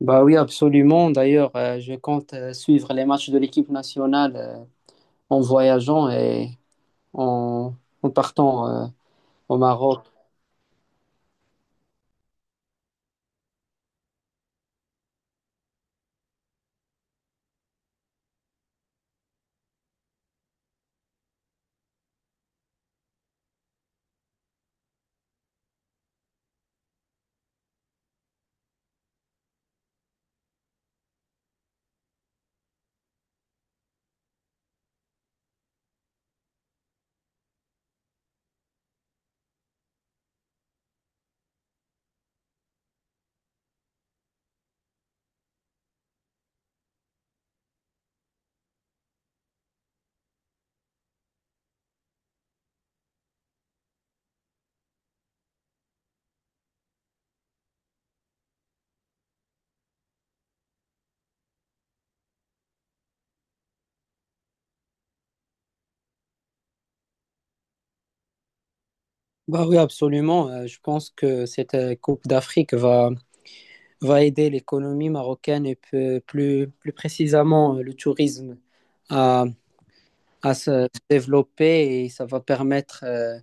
Bah oui, absolument. D'ailleurs, je compte suivre les matchs de l'équipe nationale en voyageant et en, en partant au Maroc. Bah oui, absolument. Je pense que cette Coupe d'Afrique va aider l'économie marocaine et plus précisément le tourisme à, à se développer, et ça va permettre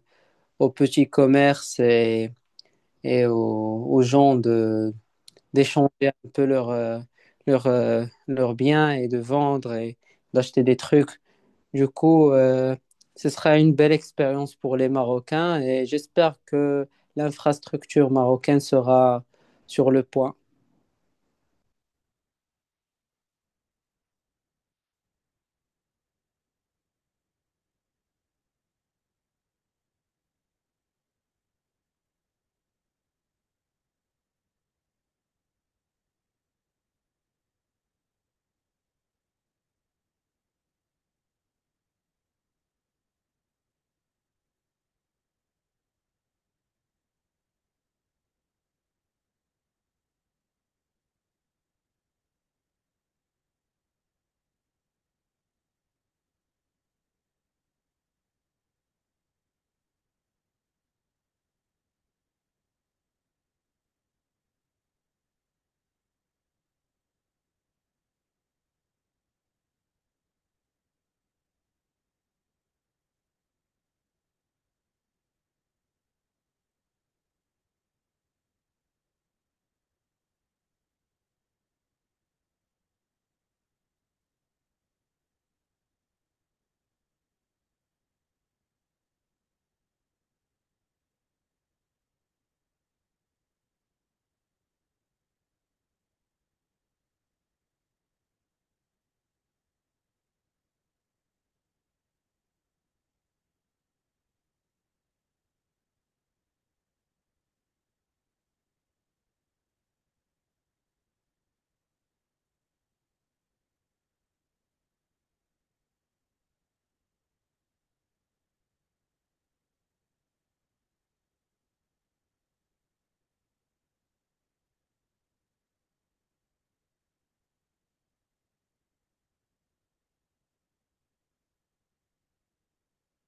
aux petits commerces et aux gens d'échanger un peu leurs biens et de vendre et d'acheter des trucs. Du coup, ce sera une belle expérience pour les Marocains, et j'espère que l'infrastructure marocaine sera sur le point.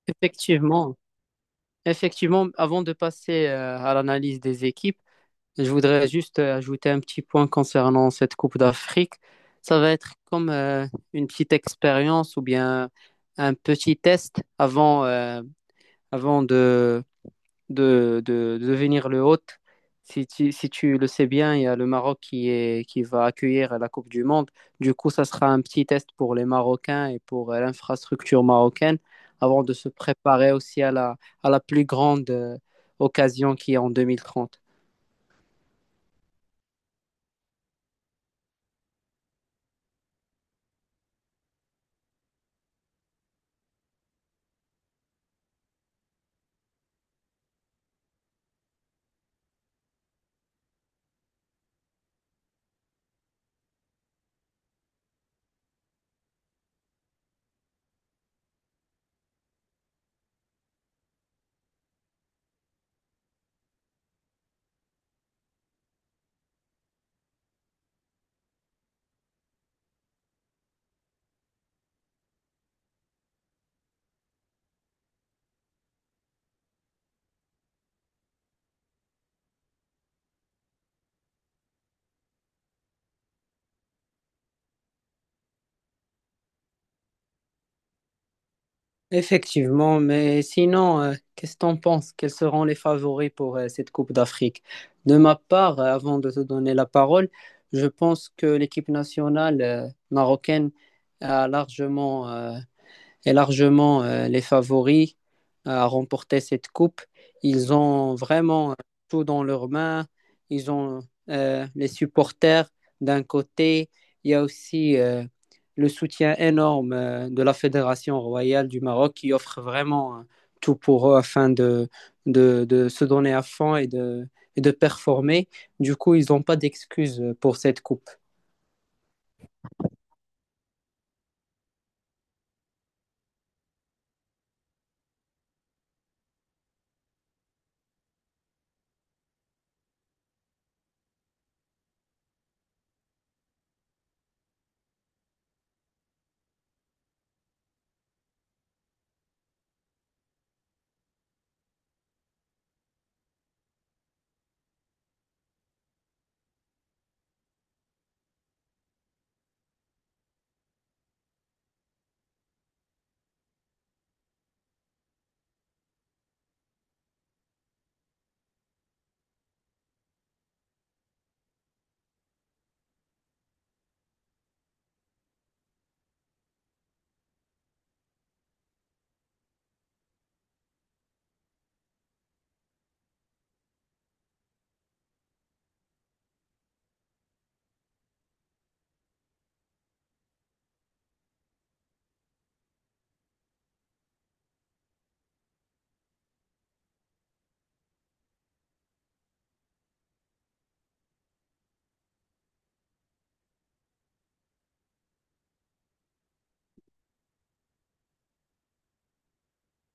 Effectivement, effectivement, avant de passer à l'analyse des équipes, je voudrais juste ajouter un petit point concernant cette Coupe d'Afrique. Ça va être comme une petite expérience ou bien un petit test avant de devenir le hôte. Si tu le sais bien, il y a le Maroc qui va accueillir la Coupe du Monde. Du coup, ça sera un petit test pour les Marocains et pour l'infrastructure marocaine avant de se préparer aussi à la plus grande occasion qui est en 2030. Effectivement, mais sinon, qu'est-ce que t'en penses? Quels seront les favoris pour cette Coupe d'Afrique? De ma part, avant de te donner la parole, je pense que l'équipe nationale marocaine a largement est largement les favoris à remporter cette coupe. Ils ont vraiment tout dans leurs mains. Ils ont les supporters d'un côté. Il y a aussi le soutien énorme de la Fédération royale du Maroc, qui offre vraiment tout pour eux afin de se donner à fond et et de performer. Du coup, ils n'ont pas d'excuses pour cette coupe.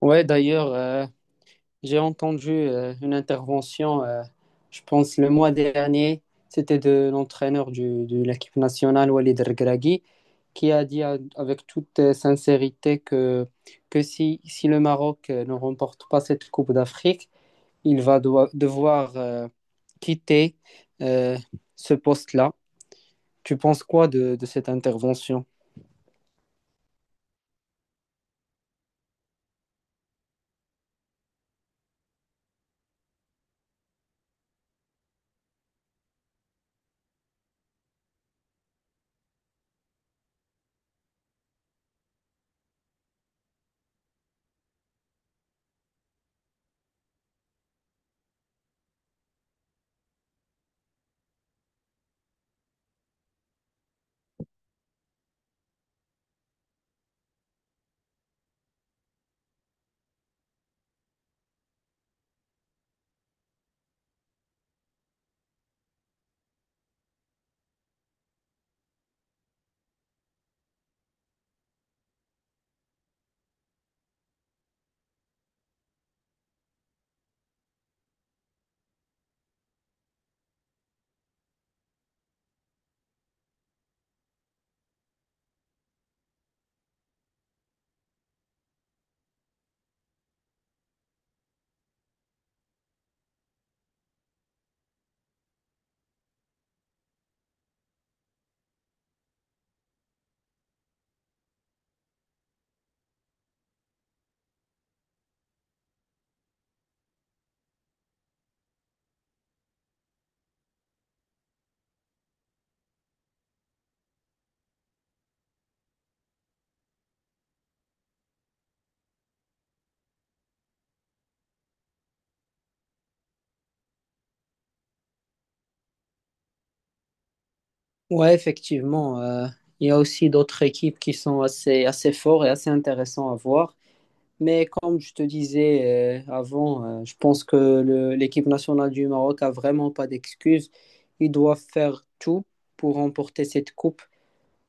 Ouais, d'ailleurs, j'ai entendu une intervention, je pense le mois dernier, c'était de l'entraîneur de l'équipe nationale, Walid Regragui, qui a avec toute sincérité que si le Maroc ne remporte pas cette Coupe d'Afrique, il va devoir quitter euh, ce poste-là. Tu penses quoi de cette intervention? Ouais, effectivement, il y a aussi d'autres équipes qui sont assez fortes et assez intéressantes à voir. Mais comme je te disais je pense que l'équipe nationale du Maroc a vraiment pas d'excuses. Ils doivent faire tout pour remporter cette coupe,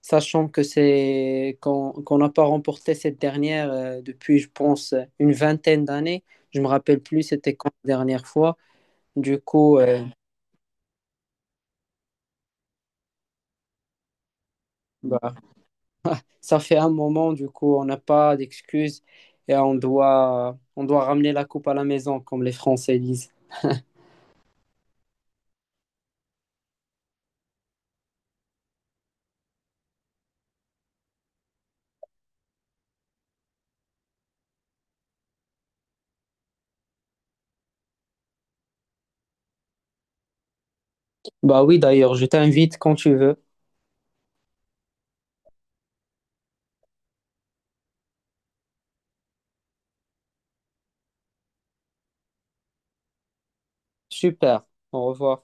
sachant que c'est qu'on qu'on n'a pas remporté cette dernière depuis, je pense, une vingtaine d'années. Je me rappelle plus, c'était quand la dernière fois. Du coup, bah, ça fait un moment. Du coup, on n'a pas d'excuses et on doit ramener la coupe à la maison, comme les Français disent. Bah oui, d'ailleurs, je t'invite quand tu veux. Super, au revoir.